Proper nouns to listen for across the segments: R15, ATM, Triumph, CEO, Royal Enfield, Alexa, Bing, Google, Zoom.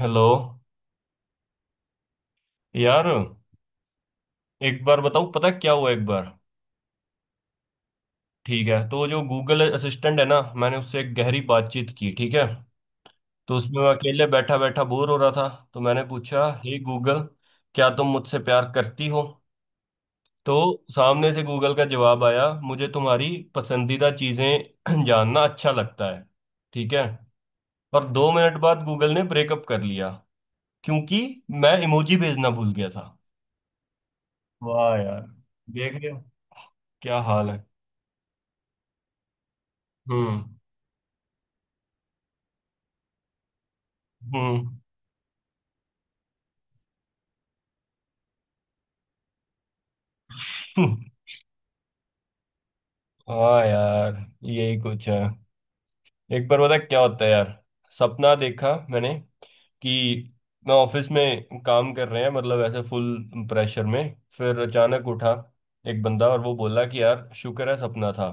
Hello यार। एक बार बताऊँ पता है क्या हुआ एक बार। ठीक है तो जो गूगल असिस्टेंट है ना, मैंने उससे एक गहरी बातचीत की, ठीक है। तो उसमें मैं अकेले बैठा बैठा बोर हो रहा था। तो मैंने पूछा हे गूगल, क्या तुम मुझसे प्यार करती हो? तो सामने से गूगल का जवाब आया, मुझे तुम्हारी पसंदीदा चीज़ें जानना अच्छा लगता है। ठीक है। और 2 मिनट बाद गूगल ने ब्रेकअप कर लिया, क्योंकि मैं इमोजी भेजना भूल गया था। वाह यार। देख रहे हो, क्या हाल है। हम्म। हम्म। हाँ यार। यही कुछ है। एक बार पता क्या होता है यार, सपना देखा मैंने कि मैं ऑफिस में काम कर रहे हैं, मतलब ऐसे फुल प्रेशर में। फिर अचानक उठा एक बंदा और वो बोला कि यार शुक्र है सपना था।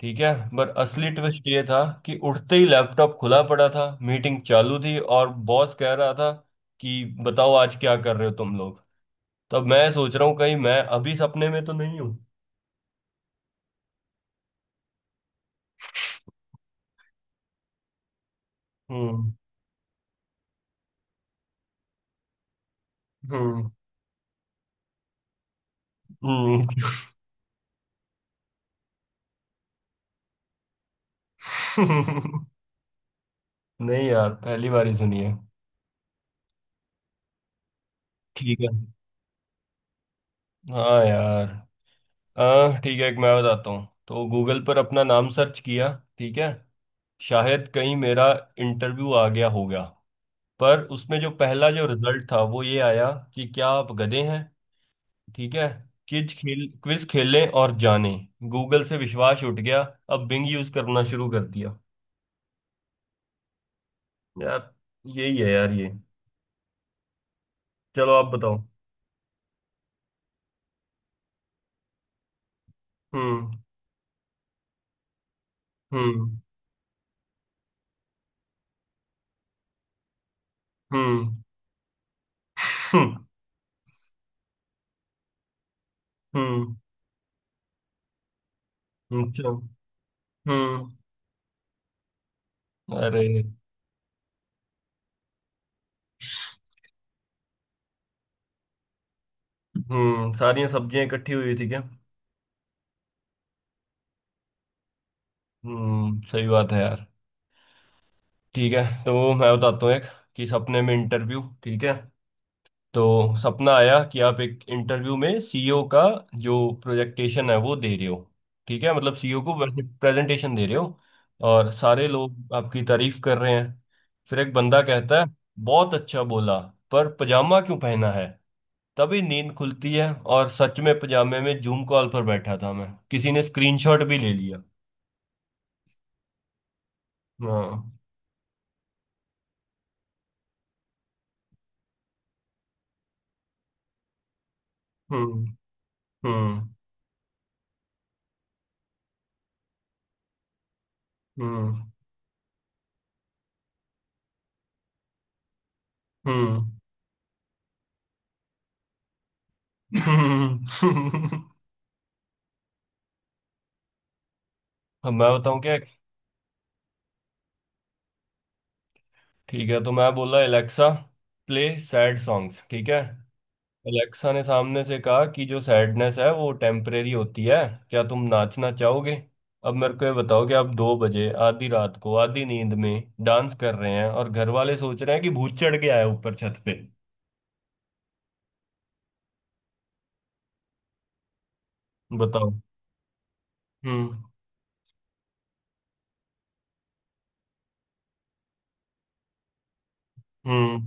ठीक है पर असली ट्विस्ट ये था कि उठते ही लैपटॉप खुला पड़ा था, मीटिंग चालू थी और बॉस कह रहा था कि बताओ आज क्या कर रहे हो तुम लोग। तब मैं सोच रहा हूँ कहीं मैं अभी सपने में तो नहीं हूँ। हम्म। हम्म। नहीं यार, पहली बार ही सुनी है। ठीक है। हाँ यार। ठीक है एक मैं बताता हूँ। तो गूगल पर अपना नाम सर्च किया, ठीक है। शायद कहीं मेरा इंटरव्यू आ गया होगा। पर उसमें जो पहला जो रिजल्ट था वो ये आया कि क्या आप गधे हैं। ठीक है। क्विज खेलें और जानें। गूगल से विश्वास उठ गया। अब बिंग यूज करना शुरू कर दिया। यार यही है यार ये। चलो आप बताओ। हम्म। हम्म। हम्म। हम्म। हम्म। अच्छा। हम्म। अरे। सारी सब्जियां इकट्ठी हुई थी क्या? सही बात है यार। ठीक है तो मैं बताता हूँ एक, कि सपने में इंटरव्यू, ठीक है। तो सपना आया कि आप एक इंटरव्यू में सीईओ का जो प्रोजेक्टेशन है वो दे रहे हो। ठीक है, मतलब सीईओ को वैसे प्रेजेंटेशन दे रहे हो। और सारे लोग आपकी तारीफ कर रहे हैं। फिर एक बंदा कहता है बहुत अच्छा बोला, पर पजामा क्यों पहना है? तभी नींद खुलती है और सच में पजामे में जूम कॉल पर बैठा था मैं, किसी ने स्क्रीनशॉट भी ले लिया। हाँ। हम्म। हम्म। हम्म। हम्म। हम्म। अब मैं बताऊं क्या। ठीक है तो मैं बोला एलेक्सा प्ले सैड सॉन्ग्स, ठीक है। एलेक्सा ने सामने से कहा कि जो सैडनेस है वो टेम्परेरी होती है, क्या तुम नाचना चाहोगे। अब मेरे को ये बताओ कि आप 2 बजे आधी रात को आधी नींद में डांस कर रहे हैं और घर वाले सोच रहे हैं कि भूत चढ़ के आया ऊपर छत पे। बताओ। हम्म। हम्म।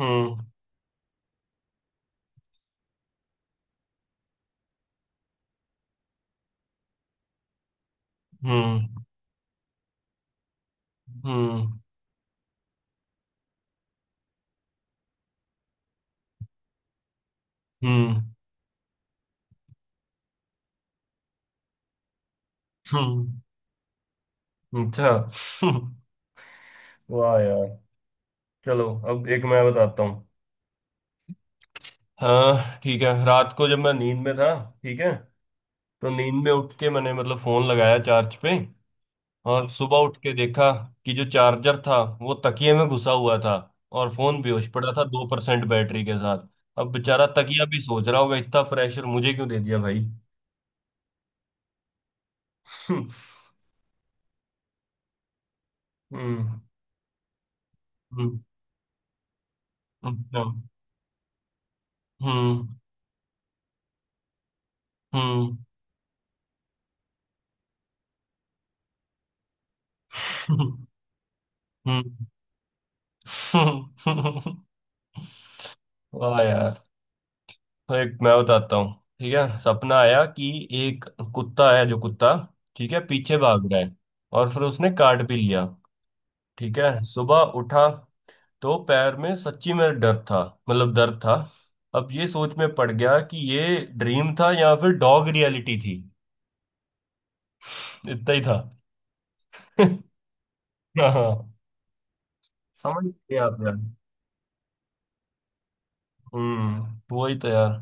हम्म। हम्म। हम्म। हम्म। हम्म, अच्छा। वाह यार। चलो अब एक मैं बताता हूँ। हाँ ठीक है, रात को जब मैं नींद में था, ठीक है, तो नींद में उठ के मैंने मतलब फोन लगाया चार्ज पे। और सुबह उठ के देखा कि जो चार्जर था वो तकिए में घुसा हुआ था और फोन बेहोश पड़ा था 2% बैटरी के साथ। अब बेचारा तकिया भी सोच रहा होगा इतना प्रेशर मुझे क्यों दे दिया भाई। हम्म। हम्म। अच्छा। हम्म। हम्म। हम्म। वाह यार। तो एक मैं बताता हूँ, ठीक है। सपना आया कि एक कुत्ता है, जो कुत्ता, ठीक है, पीछे भाग रहा है और फिर उसने काट भी लिया। ठीक है, सुबह उठा तो पैर में सच्ची में डर था, मतलब दर्द था। अब ये सोच में पड़ गया कि ये ड्रीम था या फिर डॉग रियलिटी थी। इतना ही था। हाँ। समझ गए आप यार। वही तो यार।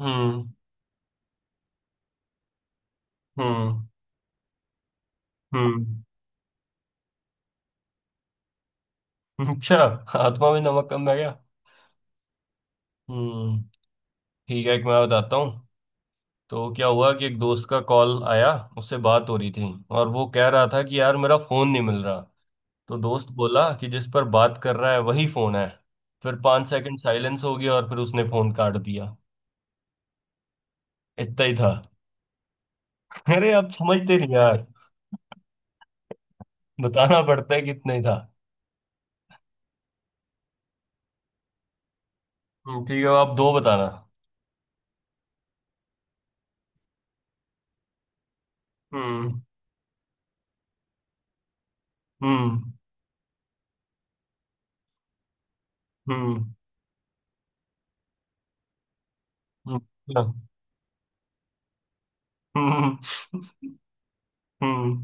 हम्म। हम्म। हम्म। अच्छा। आत्मा में नमक कम रह गया। हम्म। ठीक है एक मैं बताता हूँ। तो क्या हुआ कि एक दोस्त का कॉल आया, उससे बात हो रही थी और वो कह रहा था कि यार मेरा फोन नहीं मिल रहा। तो दोस्त बोला कि जिस पर बात कर रहा है वही फोन है। फिर 5 सेकंड साइलेंस हो गया और फिर उसने फोन काट दिया। इतना ही था। अरे आप समझते नहीं यार, बताना पड़ता है कितना ही था। ठीक है आप दो बताना। हम्म। हम्म। हम्म। हम्म, अच्छा। हम्म, हम्म, हम्म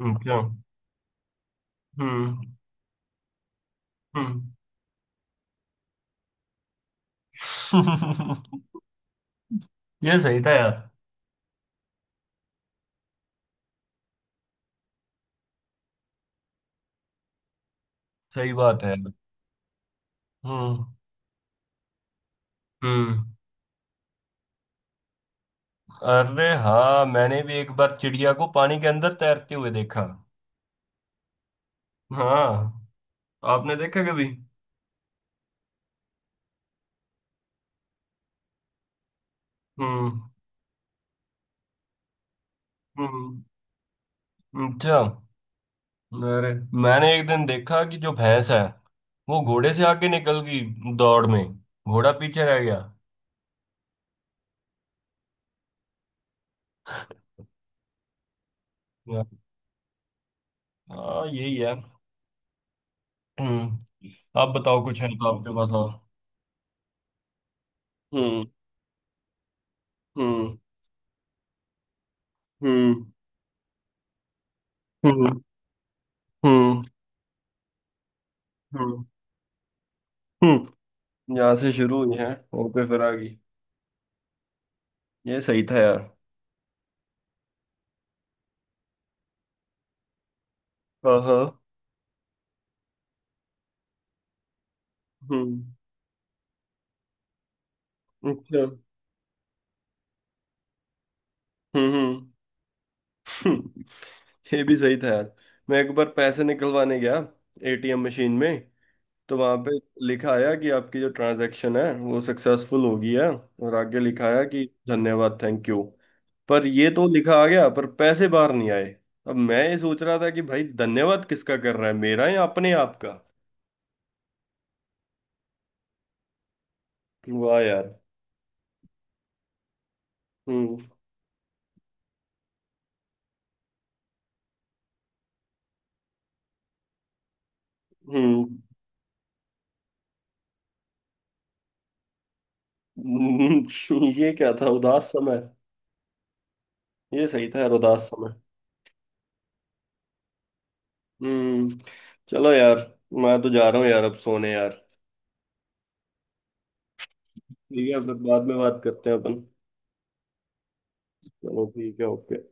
क्या? हम्म। हम्म। ये सही था यार। सही बात है। हम्म। हम्म। अरे हाँ मैंने भी एक बार चिड़िया को पानी के अंदर तैरते हुए देखा। हाँ, आपने देखा कभी? हम्म। हम्म। अच्छा। अरे मैंने एक दिन देखा कि जो भैंस है वो घोड़े से आगे निकल गई दौड़ में, घोड़ा पीछे रह गया। यार, हाँ यही है। हम्म। आप बताओ कुछ है तो आपके पास और। हम्म। हम्म। हम्म। हम्म। हम्म। हम्म। हम्म यहाँ से शुरू हुई है, वहां पे फिर आ गई। ये सही था यार। हाँ हाँ। हम्म। अच्छा। हम्म। हम्म। ये भी सही था यार। मैं एक बार पैसे निकलवाने गया एटीएम मशीन में, तो वहां पे लिखा आया कि आपकी जो ट्रांजैक्शन है वो सक्सेसफुल हो गई है और आगे लिखा आया कि धन्यवाद थैंक यू। पर ये तो लिखा आ गया पर पैसे बाहर नहीं आए। अब मैं ये सोच रहा था कि भाई धन्यवाद किसका कर रहा है, मेरा या अपने आप का। वाह यार। हम्म। हम्म। ये क्या था, उदास समय। ये सही था यार, उदास समय। हम्म। चलो यार, मैं तो जा रहा हूँ यार अब सोने यार। ठीक है फिर बाद में बात करते हैं अपन। चलो ठीक है ओके।